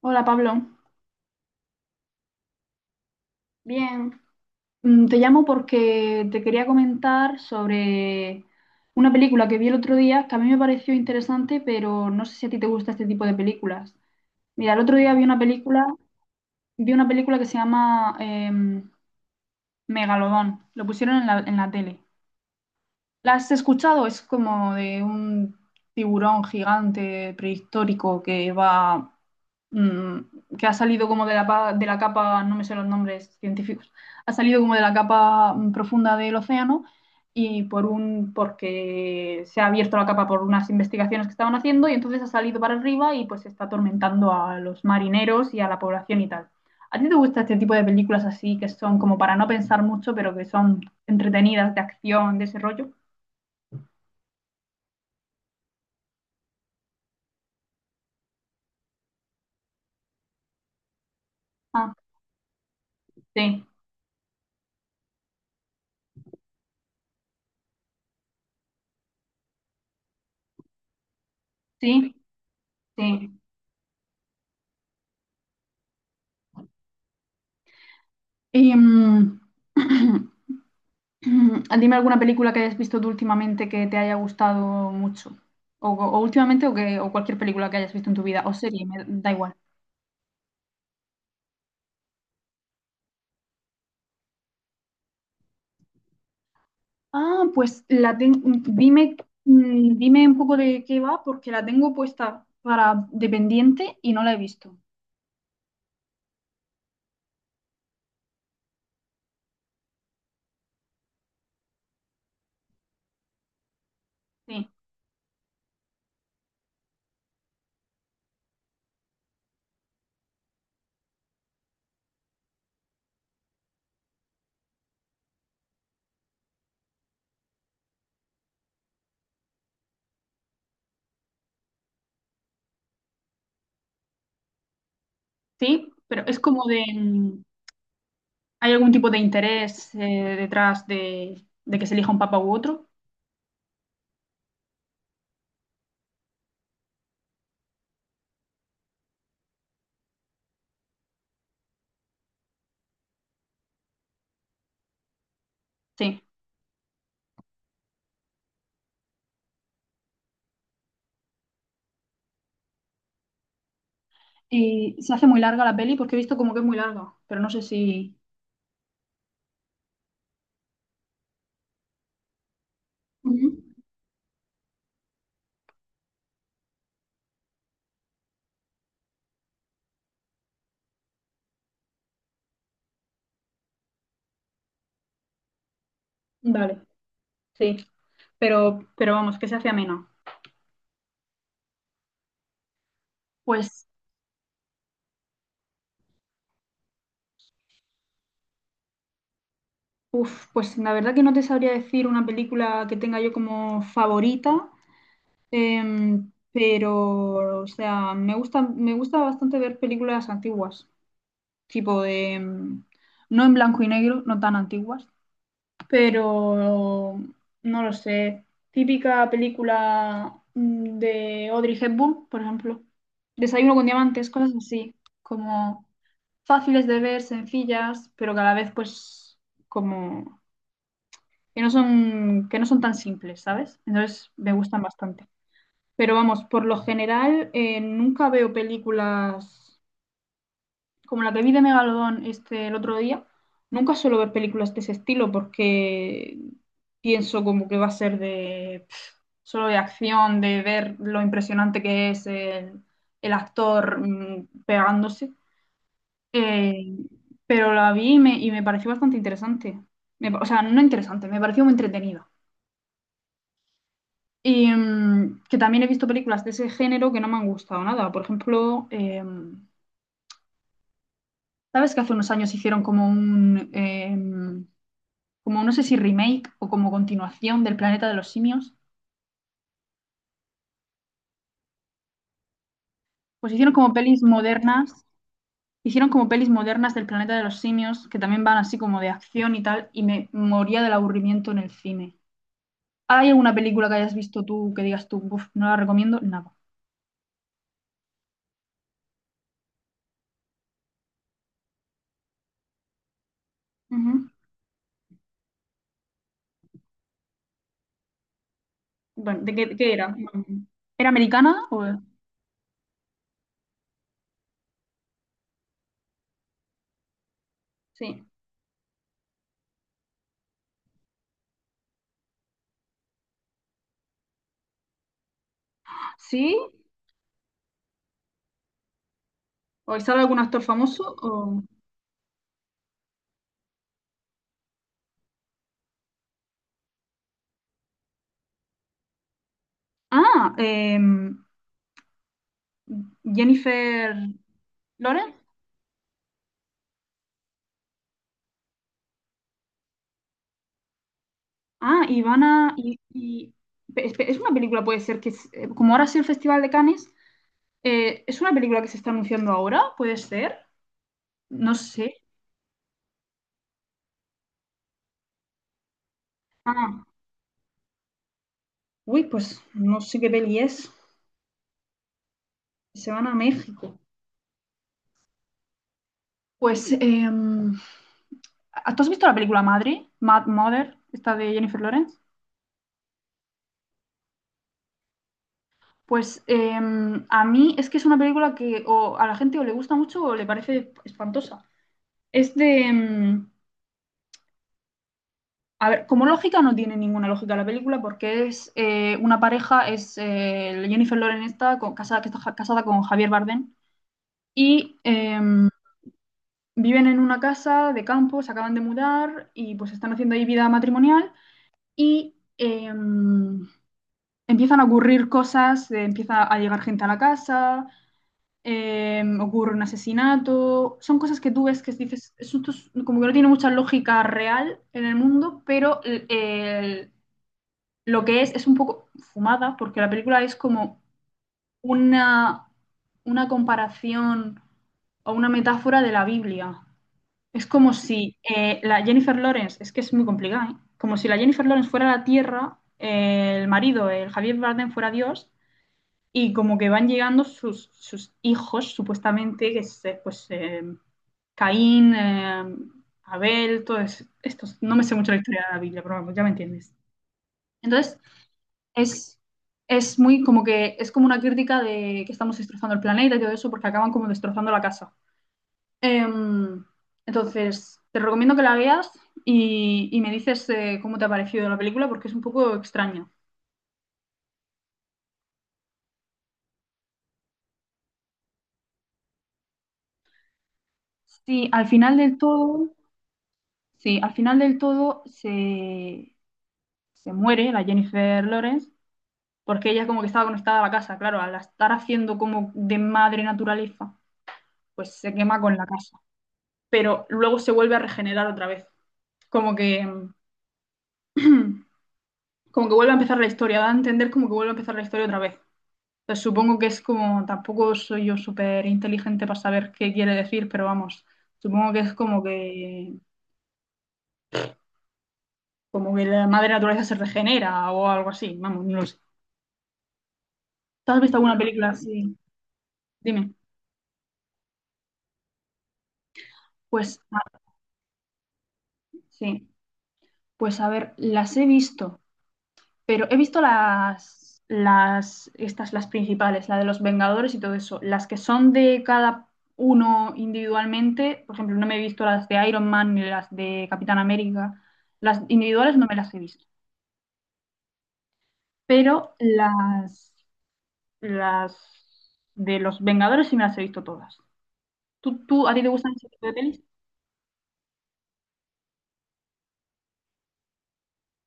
Hola Pablo, bien. Te llamo porque te quería comentar sobre una película que vi el otro día que a mí me pareció interesante, pero no sé si a ti te gusta este tipo de películas. Mira, el otro día vi una película, que se llama Megalodón. Lo pusieron en la tele. ¿La has escuchado? Es como de un tiburón gigante prehistórico que va mm, que ha salido como de la capa, no me sé los nombres científicos, ha salido como de la capa profunda del océano y por porque se ha abierto la capa por unas investigaciones que estaban haciendo y entonces ha salido para arriba y pues está atormentando a los marineros y a la población y tal. ¿A ti te gusta este tipo de películas así que son como para no pensar mucho, pero que son entretenidas, de acción, de ese rollo? Ah, sí, sí, sí. Y, dime alguna película que hayas visto tú últimamente que te haya gustado mucho. O últimamente o cualquier película que hayas visto en tu vida. O serie, me da igual. Ah, pues dime, dime un poco de qué va porque la tengo puesta para dependiente y no la he visto. Sí, sí, pero es como de... ¿Hay algún tipo de interés, detrás de que se elija un papa u otro? Sí. Y se hace muy larga la peli porque he visto como que es muy larga, pero no sé si... Ujú. Vale, sí. Pero vamos, que se hace amena. Pues, pues la verdad que no te sabría decir una película que tenga yo como favorita. Pero, o sea, me gusta bastante ver películas antiguas, tipo de, no en blanco y negro, no tan antiguas, pero no lo sé, típica película de Audrey Hepburn, por ejemplo, Desayuno con diamantes, cosas así, como fáciles de ver, sencillas, pero que a la vez pues como que no son tan simples, ¿sabes? Entonces me gustan bastante. Pero vamos, por lo general nunca veo películas como la que vi de Megalodón este, el otro día. Nunca suelo ver películas de ese estilo porque pienso como que va a ser de solo de acción, de ver lo impresionante que es el actor pegándose. Eh, pero la vi y me pareció bastante interesante. O sea, no interesante, me pareció muy entretenida. Y que también he visto películas de ese género que no me han gustado nada. Por ejemplo, ¿sabes que hace unos años hicieron como como no sé si remake o como continuación del Planeta de los Simios? Pues hicieron como pelis modernas del Planeta de los Simios que también van así como de acción y tal, y me moría del aburrimiento en el cine. ¿Hay alguna película que hayas visto tú que digas tú, "Uf, no la recomiendo"? Nada. Ujú. Bueno, qué era? ¿Era americana o...? Sí. ¿Sí? ¿O sale algún actor famoso? Ah, Jennifer Lawrence. Ah, Ivana. Es una película, puede ser que, como ahora sí el Festival de Cannes, ¿es una película que se está anunciando ahora? ¿Puede ser? No sé. Ah, uy, pues no sé qué peli es. Se van a México. Pues, ¿tú has visto la película Madre, Mad Mother, esta de Jennifer Lawrence? Pues, a mí es que es una película que o a la gente o le gusta mucho o le parece espantosa. Es de... a ver, como lógica no tiene ninguna lógica la película porque es, una pareja, es Jennifer Lawrence está casada, que está casada con Javier Bardem y viven en una casa de campo, se acaban de mudar y pues están haciendo ahí vida matrimonial y empiezan a ocurrir cosas, empieza a llegar gente a la casa, ocurre un asesinato, son cosas que tú ves que dices, esto como que no tiene mucha lógica real en el mundo, pero lo que es un poco fumada, porque la película es como una, una, comparación o una metáfora de la Biblia. Es como si, la Jennifer Lawrence, es que es muy complicada, ¿eh? Como si la Jennifer Lawrence fuera la tierra, el marido, el Javier Bardem fuera Dios, y como que van llegando sus hijos, supuestamente, que es pues Caín, Abel, todos estos. No me sé mucho la historia de la Biblia, pero vamos, ya me entiendes. Entonces, es, es muy como que es como una crítica de que estamos destrozando el planeta y todo eso, porque acaban como destrozando la casa. Em, entonces, te recomiendo que la veas y me dices cómo te ha parecido la película, porque es un poco extraña. Sí, al final del todo, sí, al final del todo se muere, la Jennifer Lawrence, porque ella como que estaba conectada a la casa, claro, al estar haciendo como de madre naturaleza, pues se quema con la casa, pero luego se vuelve a regenerar otra vez, como que, como que vuelve a empezar la historia, da a entender como que vuelve a empezar la historia otra vez. Entonces supongo que es como, tampoco soy yo súper inteligente para saber qué quiere decir, pero vamos, supongo que es como que, la madre naturaleza se regenera o algo así, vamos, no lo sé. ¿Tú has visto alguna película así? Dime. Pues, ah, sí. Pues a ver, las he visto, pero he visto las principales, la de los Vengadores y todo eso. Las que son de cada uno individualmente, por ejemplo, no me he visto las de Iron Man ni las de Capitán América. Las individuales no me las he visto, pero las de los Vengadores sí me las he visto todas. ¿ A ti te gustan ese tipo de pelis?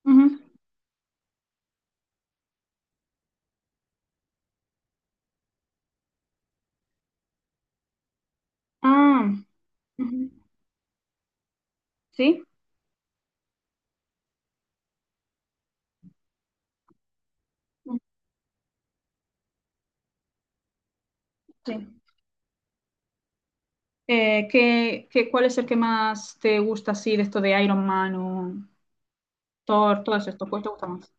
Ujú. Ah, ujú. ¿Sí? Sí. ¿ Cuál es el que más te gusta así de esto de Iron Man o Thor, todo estos? ¿Cuál te gusta más?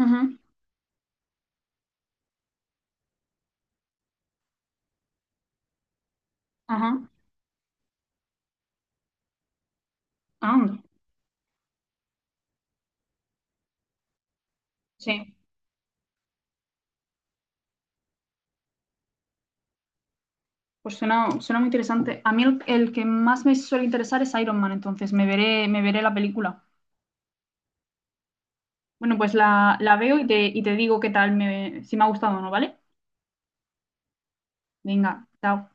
Ujú. Ajá. Ah, anda. Sí, pues suena muy interesante. A mí el que más me suele interesar es Iron Man, entonces me veré la película. Bueno, pues la veo y te digo qué tal si me ha gustado o no, ¿vale? Venga, chao.